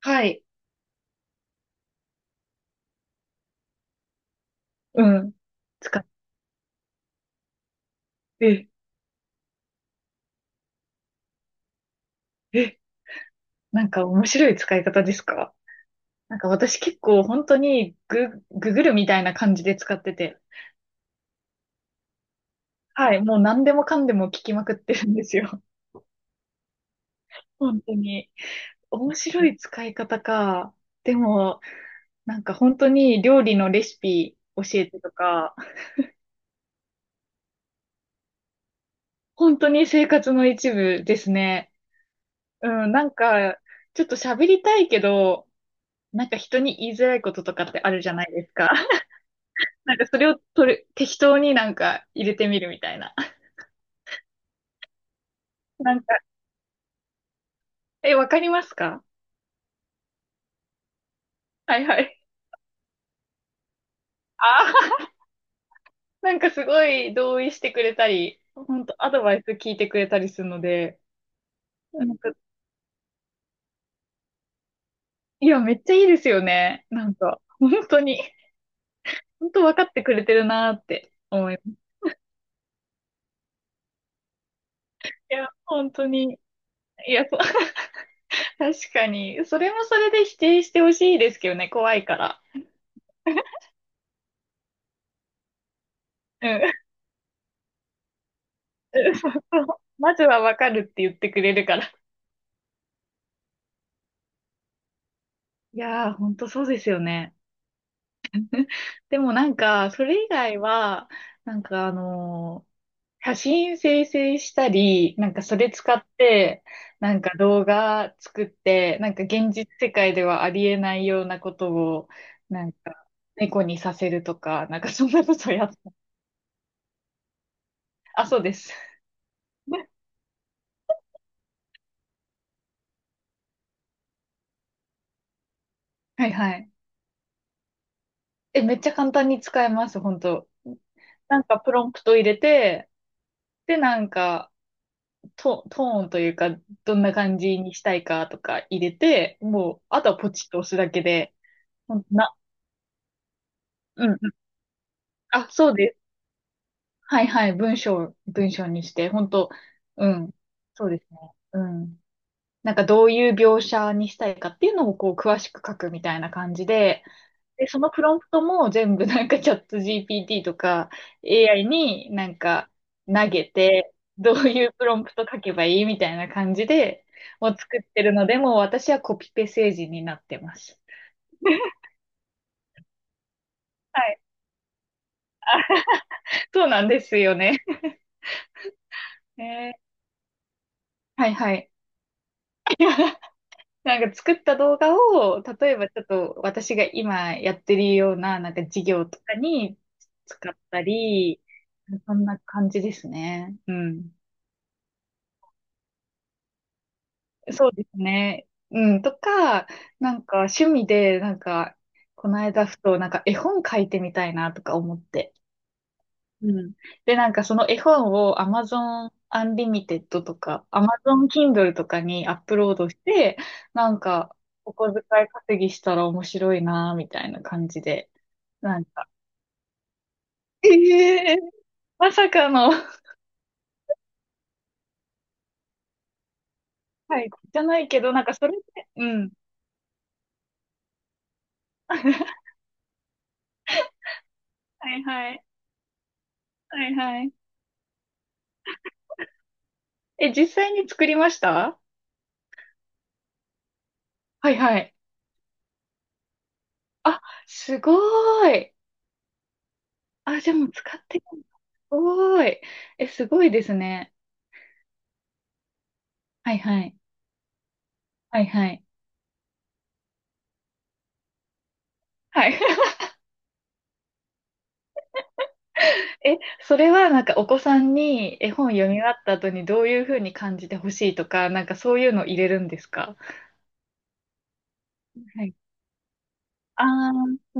はい。うん。使って、え、なんか面白い使い方ですか？なんか私結構本当にググるみたいな感じで使ってて。はい。もう何でもかんでも聞きまくってるんですよ。本当に。面白い使い方か。でも、なんか本当に料理のレシピ教えてとか、本当に生活の一部ですね。うん。なんか、ちょっと喋りたいけど、なんか人に言いづらいこととかってあるじゃないですか。なんかそれを取る、適当になんか入れてみるみたいな。なんか、え、わかりますか？はいはい。ああ、なんかすごい同意してくれたり、本当アドバイス聞いてくれたりするので、なんか、いや、めっちゃいいですよね。なんか、本当に、本当分かってくれてるなーって思います。いや、本当に、いや、そう。 確かに、それもそれで否定してほしいですけどね、怖いから。うん。そうそう、まずは分かるって言ってくれるから。いやー、本当そうですよね。でもなんか、それ以外は、なんかあのー写真生成したり、なんかそれ使って、なんか動画作って、なんか現実世界ではありえないようなことを、なんか猫にさせるとか、なんかそんなことやった。あ、そうです。はいはい。え、めっちゃ簡単に使えます、本当。なんかプロンプト入れて、で、なんか、トーンというか、どんな感じにしたいかとか入れて、もう、あとはポチッと押すだけで、ほんとな、うんうん、あ、そうです。はいはい、文章にして、本当うん、そうですね。うん。なんかどういう描写にしたいかっていうのをこう詳しく書くみたいな感じで、で、そのプロンプトも全部なんかチャット GPT とか AI になんか投げて、どういうプロンプト書けばいいみたいな感じで、もう作ってるので、もう私はコピペ政治になってます。はい。そうなんですよね。ね、はいはい。なんか作った動画を、例えばちょっと私が今やってるようななんか授業とかに使ったり、そんな感じですね。うん。そうですね。うん、とか、なんか趣味で、なんか、この間ふと、なんか絵本書いてみたいなとか思って。うん。で、なんかその絵本を Amazon Unlimited とかAmazon Kindle とかにアップロードして、なんか、お小遣い稼ぎしたら面白いな、みたいな感じで、なんか、ええ、まさかの、はい、じゃないけど、なんかそれで、うん。はいはい。はいはい。え、実際に作りました？はいはい。あ、すごい。あ、じゃあもう使ってるんだ。すごい。え、すごいですね。はいはい。はいはい。はい。え、それはなんかお子さんに絵本読み終わった後にどういうふうに感じてほしいとか、なんかそういうの入れるんですか？はい。あー、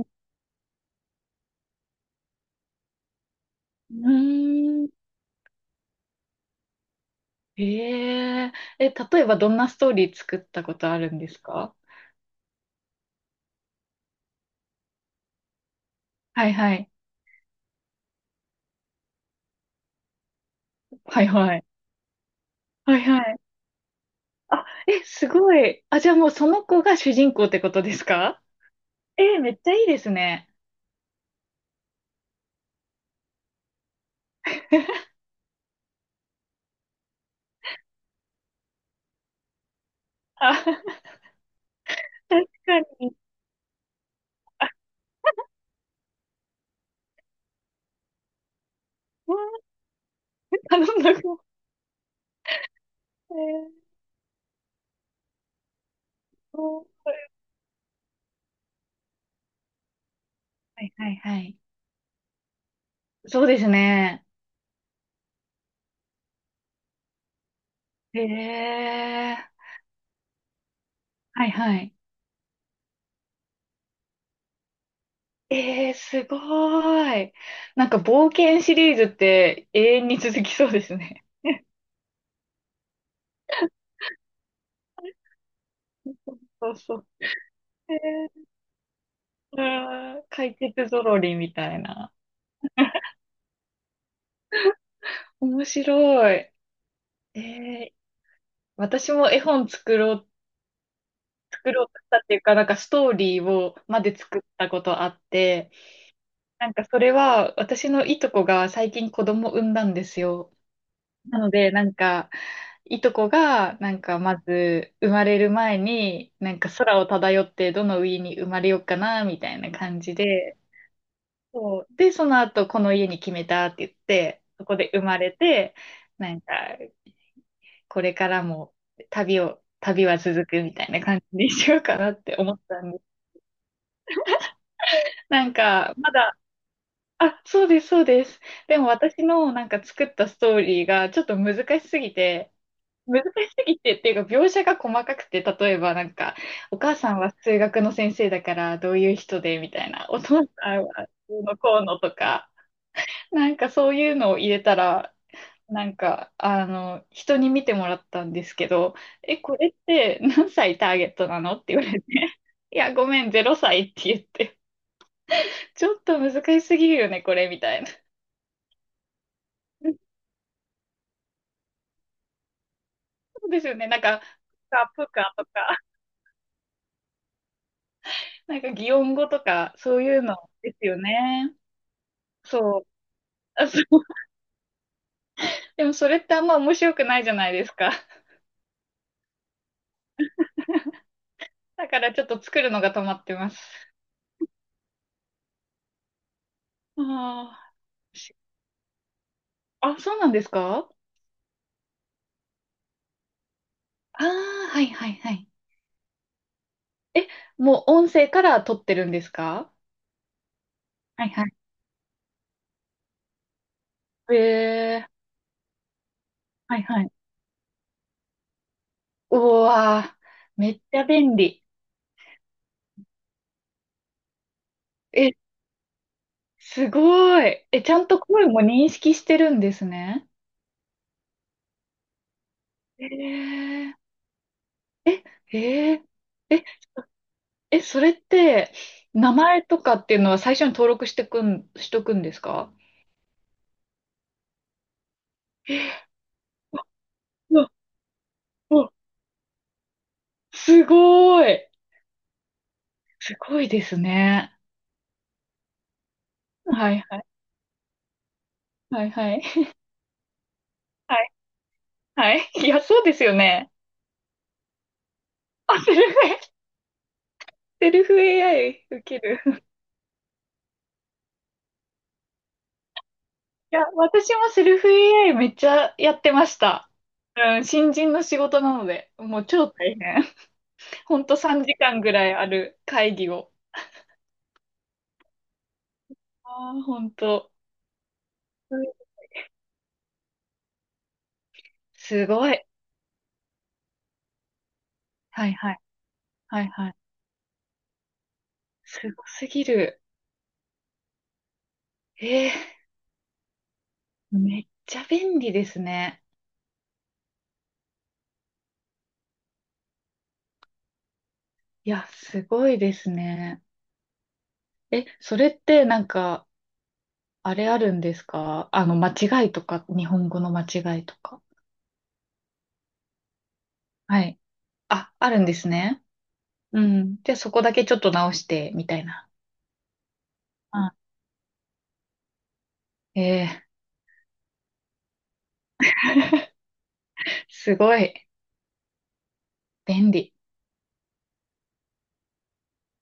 うーん。え、え、え、例えばどんなストーリー作ったことあるんですか？はいはい。はいはい。はいはい。あ、え、すごい。あ、じゃあもうその子が主人公ってことですか？えー、めっちゃいいですね。あ、確かに。わあ、頼んだこ、えー、そう、はいはいはい。そうですね。ええ、はいはい。ええ、すごーい。なんか冒険シリーズって永遠に続きそうですね。そうそう。ええ、あー、解決ぞろりみたいな。面白い。ええ、私も絵本作ろう、作ろうとしたっていうか、なんかストーリーをまで作ったことあって、なんかそれは私のいとこが最近子供産んだんですよ。なのでなんかいとこがなんかまず生まれる前になんか空を漂ってどの家に生まれようかなみたいな感じで、そう。で、その後この家に決めたって言って、そこで生まれて、なんかこれからも旅は続くみたいな感じにしようかなって思ったんです。なんかまだ、あ、そうです、そうです。でも私のなんか作ったストーリーがちょっと難しすぎて、難しすぎてっていうか描写が細かくて、例えばなんか、お母さんは数学の先生だからどういう人でみたいな、お父さんはどうのこうのとか、なんかそういうのを入れたら、なんか、あの、人に見てもらったんですけど、え、これって何歳ターゲットなのって言われて、いや、ごめん、0歳って言って、ちょっと難しすぎるよね、これ、みたいな。そうですよね。なんか、プカプカとか、なんか擬音語とか、そういうのですよね。そう。あ、そう。でもそれってあんま面白くないじゃないですか。だからちょっと作るのが止まってます。ああ、し、あ、そうなんですか？ああー、はいはいはい。え、もう音声から撮ってるんですか？はいはい。えー、はいはい。うわー、めっちゃ便利。え、すごい。え、ちゃんと声も認識してるんですね。えー、えー、え、それって、名前とかっていうのは最初に登録してくん、しとくんですか？うわ、うわ、すごい。すごいですね。はいはい。はいはい。はいはい。いや、そうですよね。あ、セルフ AI 受ける。いや、私もセルフ AI めっちゃやってました。うん、新人の仕事なので、もう超大変。ほんと3時間ぐらいある会議を。ああ、ほんと。すごい。はいはい。はいはい。すごすぎる。えー、めっちゃ便利ですね。いや、すごいですね。え、それってなんか、あれあるんですか、あの、間違いとか、日本語の間違いとか。はい。あ、あるんですね。うん。じゃあそこだけちょっと直して、みたいな。あ、えー、すごい、便利。